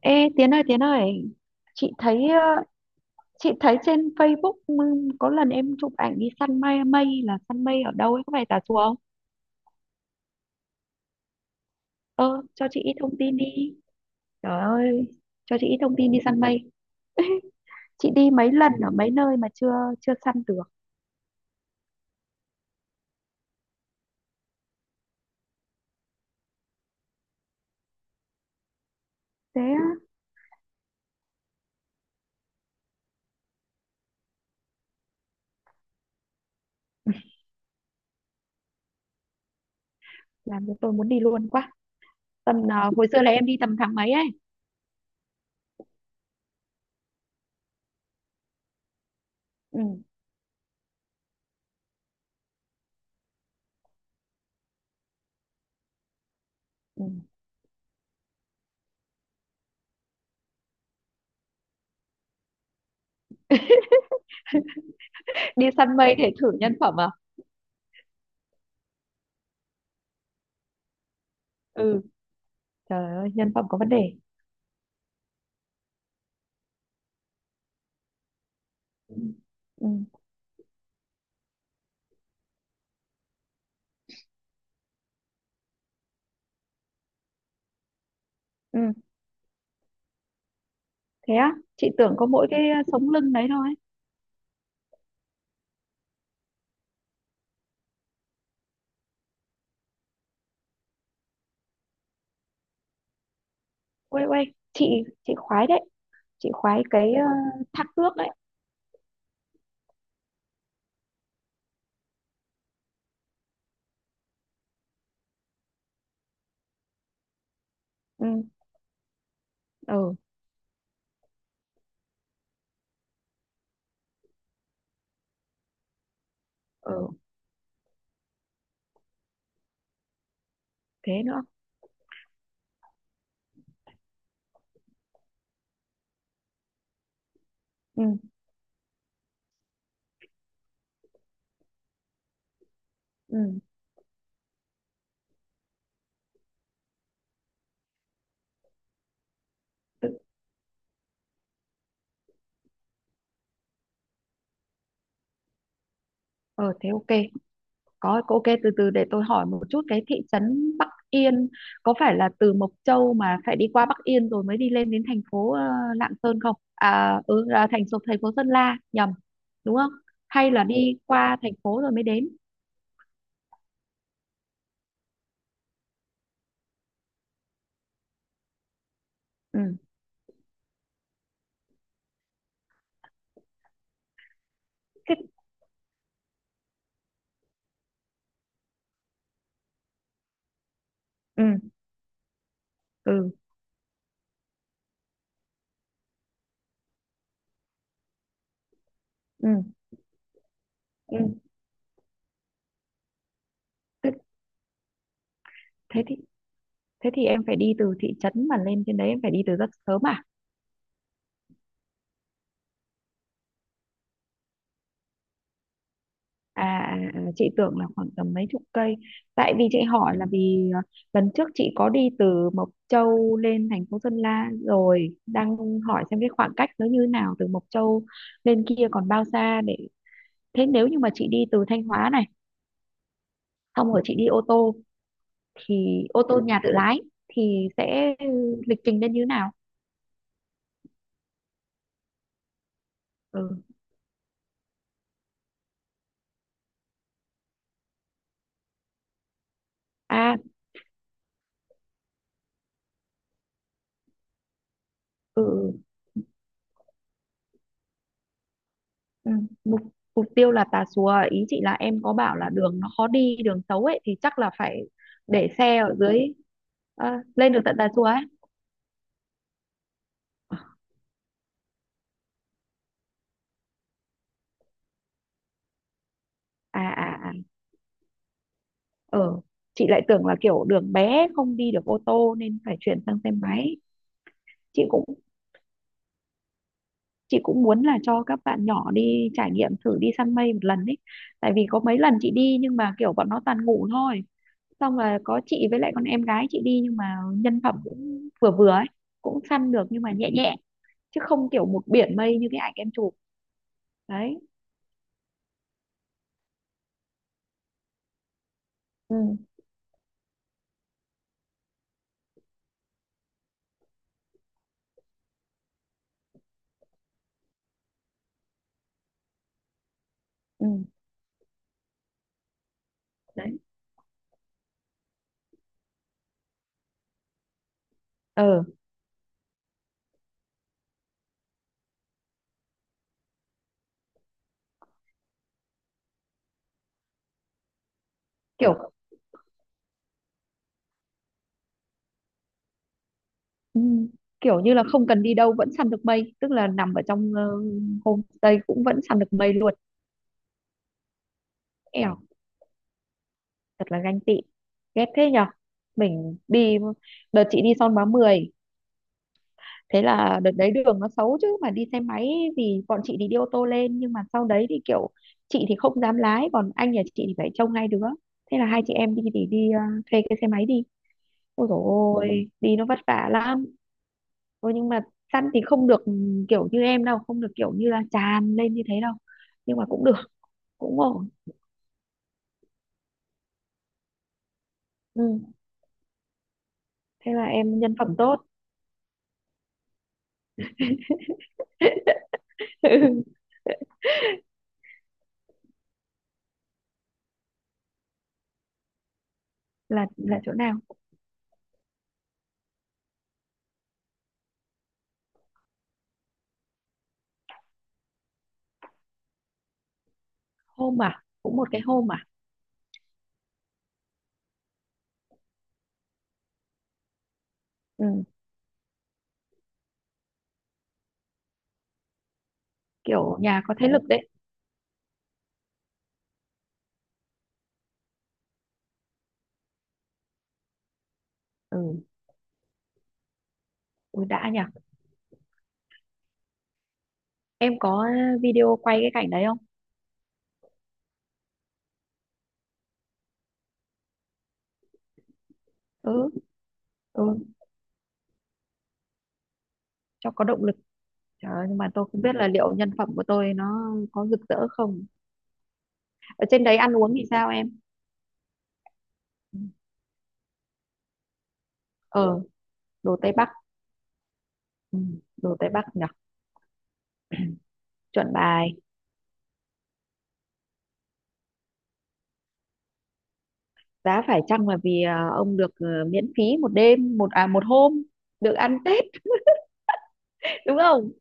Ê Tiến ơi, Tiến ơi, chị thấy ờ, chị thấy trên Facebook, có lần em chụp ảnh đi săn mây, mây là săn mây ở đâu ấy, có phải Tà Xùa không? Ờ cho chị ít thông tin đi. Trời ơi, cho chị ít thông tin đi săn mây. Chị đi mấy lần ở mấy nơi mà chưa chưa săn được. Thế á? Làm cho tôi muốn đi luôn quá. Tầm hồi xưa là em đi tầm tháng mấy ấy? Ừ. Ừ. Đi săn mây để thử nhân phẩm à? Ừ. Trời ơi, nhân phẩm có vấn đề. Ừ. Ừ. Ừ. Thế á? Chị tưởng có mỗi cái sống lưng đấy thôi. Ui, ui, chị chị khoái đấy, chị khoái cái thác nước đấy. Ừ. Ờ. Ờ, thế nữa? Ừ. Ừ. Tự. Ờ Thế ok. Có, ok, từ từ để tôi hỏi một chút cái thị trấn Bắc Yên. Có phải là từ Mộc Châu mà phải đi qua Bắc Yên rồi mới đi lên đến thành phố Lạng Sơn không? Ừ, là thành phố, Sơn La, nhầm, đúng không? Hay là đi qua thành phố rồi mới đến? Ừ, thế, Ừ. Ừ. Ừ. Ừ. Thế, thế thì thế thì em phải đi từ thị trấn mà lên trên đấy, em phải đi từ rất sớm à? Chị tưởng là khoảng tầm mấy chục cây. Tại vì chị hỏi là vì lần trước chị có đi từ Mộc Châu lên thành phố Sơn La rồi đang hỏi xem cái khoảng cách nó như thế nào, từ Mộc Châu lên kia còn bao xa để. Thế nếu như mà chị đi từ Thanh Hóa này, xong rồi chị đi ô tô, thì ô tô nhà tự lái, thì sẽ lịch trình lên như thế nào? Ừ. À. Ừ. Ừ. Mục, mục tiêu là Tà Xùa, ý chị là em có bảo là đường nó khó đi, đường xấu ấy, thì chắc là phải để xe ở dưới, lên được tận Tà Xùa ấy? à à à ờ chị lại tưởng là kiểu đường bé không đi được ô tô nên phải chuyển sang xe máy. Chị cũng chị cũng muốn là cho các bạn nhỏ đi trải nghiệm thử đi săn mây một lần ấy. Tại vì có mấy lần chị đi nhưng mà kiểu bọn nó toàn ngủ thôi. Xong rồi có chị với lại con em gái chị đi nhưng mà nhân phẩm cũng vừa vừa ấy, cũng săn được nhưng mà nhẹ nhẹ, chứ không kiểu một biển mây như cái ảnh em chụp. Đấy. Ừ. Ừ. Đấy. ờ Kiểu, ừ, kiểu như là không cần đi đâu vẫn săn được mây, tức là nằm ở trong homestay cũng vẫn săn được mây luôn. Ẻo, thật là ganh tị, ghét thế nhở. Mình đi, đợt chị đi Son Hóa 10, thế là đợt đấy đường nó xấu chứ mà đi xe máy, thì bọn chị thì đi ô tô lên nhưng mà sau đấy thì kiểu chị thì không dám lái, còn anh nhà chị thì phải trông hai đứa. Thế là hai chị em đi thì đi, thuê cái xe máy đi. Ôi dồi ôi, đi nó vất vả lắm. Thôi nhưng mà săn thì không được, ừ, kiểu như em đâu, không được kiểu như là tràn lên như thế đâu. Nhưng mà cũng được, cũng ổn. Ừ, thế là em nhân phẩm tốt. Ừ, là chỗ nào? Hôm à, cũng một cái hôm à? Ừ, kiểu nhà có thế lực đấy. Ừ, ui đã nhỉ. Em có video quay cái cảnh đấy không? Ừ. Ừ, cho có động lực. Trời ơi, nhưng mà tôi không biết là liệu nhân phẩm của tôi nó có rực rỡ không. Ở trên đấy ăn uống thì sao em? Ừ. Ờ, đồ Tây Bắc. Ừ, đồ Tây Bắc nhỉ, chuẩn bài. Giá phải chăng là vì ông được miễn phí một đêm, một một hôm, được ăn Tết đúng không?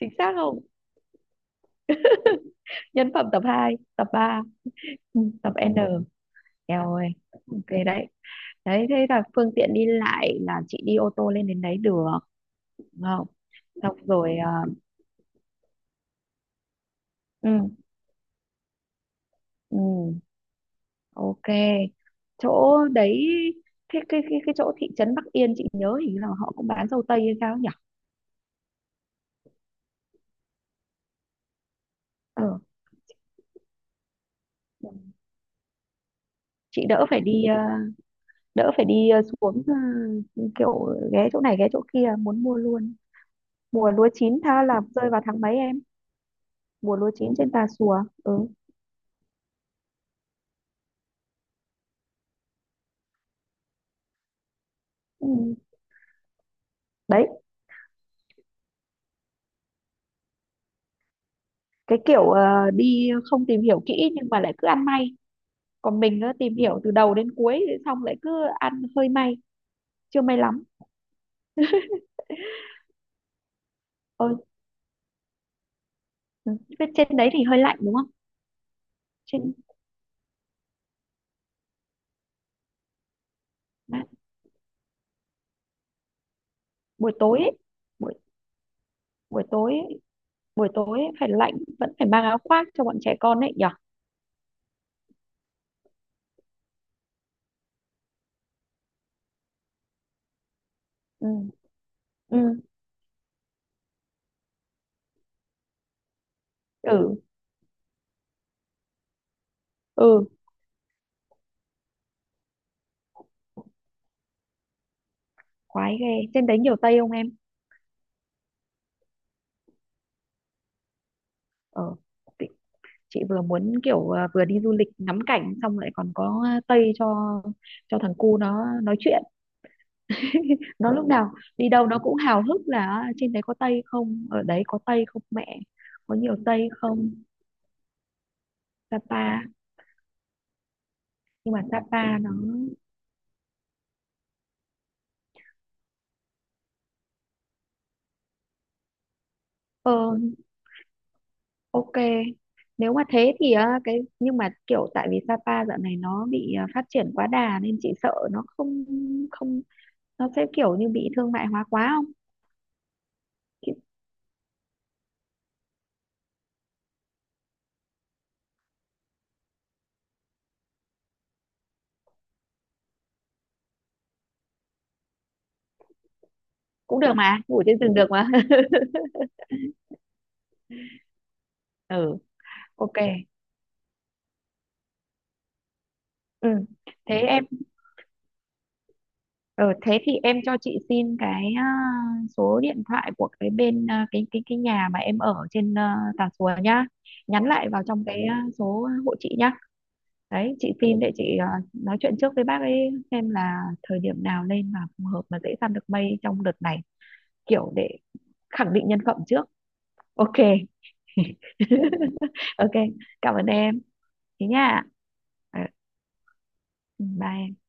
Chính xác không? Nhân phẩm tập hai, tập ba. Ừ, tập N. Eo ơi. Ok đấy. Đấy, thế là phương tiện đi lại là chị đi ô tô lên đến đấy được đúng không? Xong rồi. Ừ. Ừ. Ok, chỗ đấy. Cái chỗ thị trấn Bắc Yên chị nhớ hình như là họ cũng bán dâu tây hay sao nhỉ? ờ chị đỡ phải đi, đỡ phải đi xuống, kiểu ghé chỗ này ghé chỗ kia, muốn mua luôn. Mùa lúa chín tha là rơi vào tháng mấy em? Mùa lúa chín trên Tà Xùa. Ừ. Ừ. Đấy. Cái kiểu đi không tìm hiểu kỹ nhưng mà lại cứ ăn may, còn mình á, tìm hiểu từ đầu đến cuối xong lại cứ ăn hơi may, chưa may lắm. Ôi. Ừ. Thế trên đấy thì hơi lạnh đúng không? Trên, à, buổi tối ấy, buổi buổi tối ấy, buổi tối ấy phải lạnh, vẫn phải mang áo khoác cho bọn trẻ con ấy nhở? Ừ. Ừ. Ừ. Ừ. Khoái ghê. Trên đấy nhiều Tây không em? ờ chị chị vừa muốn kiểu vừa đi du lịch ngắm cảnh xong lại còn có Tây cho thằng cu nó nói chuyện. Nó lúc nào đi đâu nó cũng hào hức là "À, trên đấy có Tây không, ở đấy có Tây không mẹ, có nhiều Tây không?" Sapa. Nhưng mà Sapa nó, ờ ok, nếu mà thế thì cái nhưng mà kiểu tại vì Sapa dạo này nó bị phát triển quá đà nên chị sợ nó không, không nó sẽ kiểu như bị thương mại hóa quá không? Chị cũng được mà, ngủ trên giường được mà. Ừ. Ok. Ừ. Thế em, ừ, thế thì em cho chị xin cái số điện thoại của cái bên cái nhà mà em ở trên Tà Xùa nhá. Nhắn lại vào trong cái số hộ chị nhá. Đấy, chị xin để chị nói chuyện trước với bác ấy, xem là thời điểm nào lên mà phù hợp mà dễ săn được mây trong đợt này, kiểu để khẳng định nhân phẩm trước. Ok. Ok, cảm ơn em, thế nha. Ờ, bye em.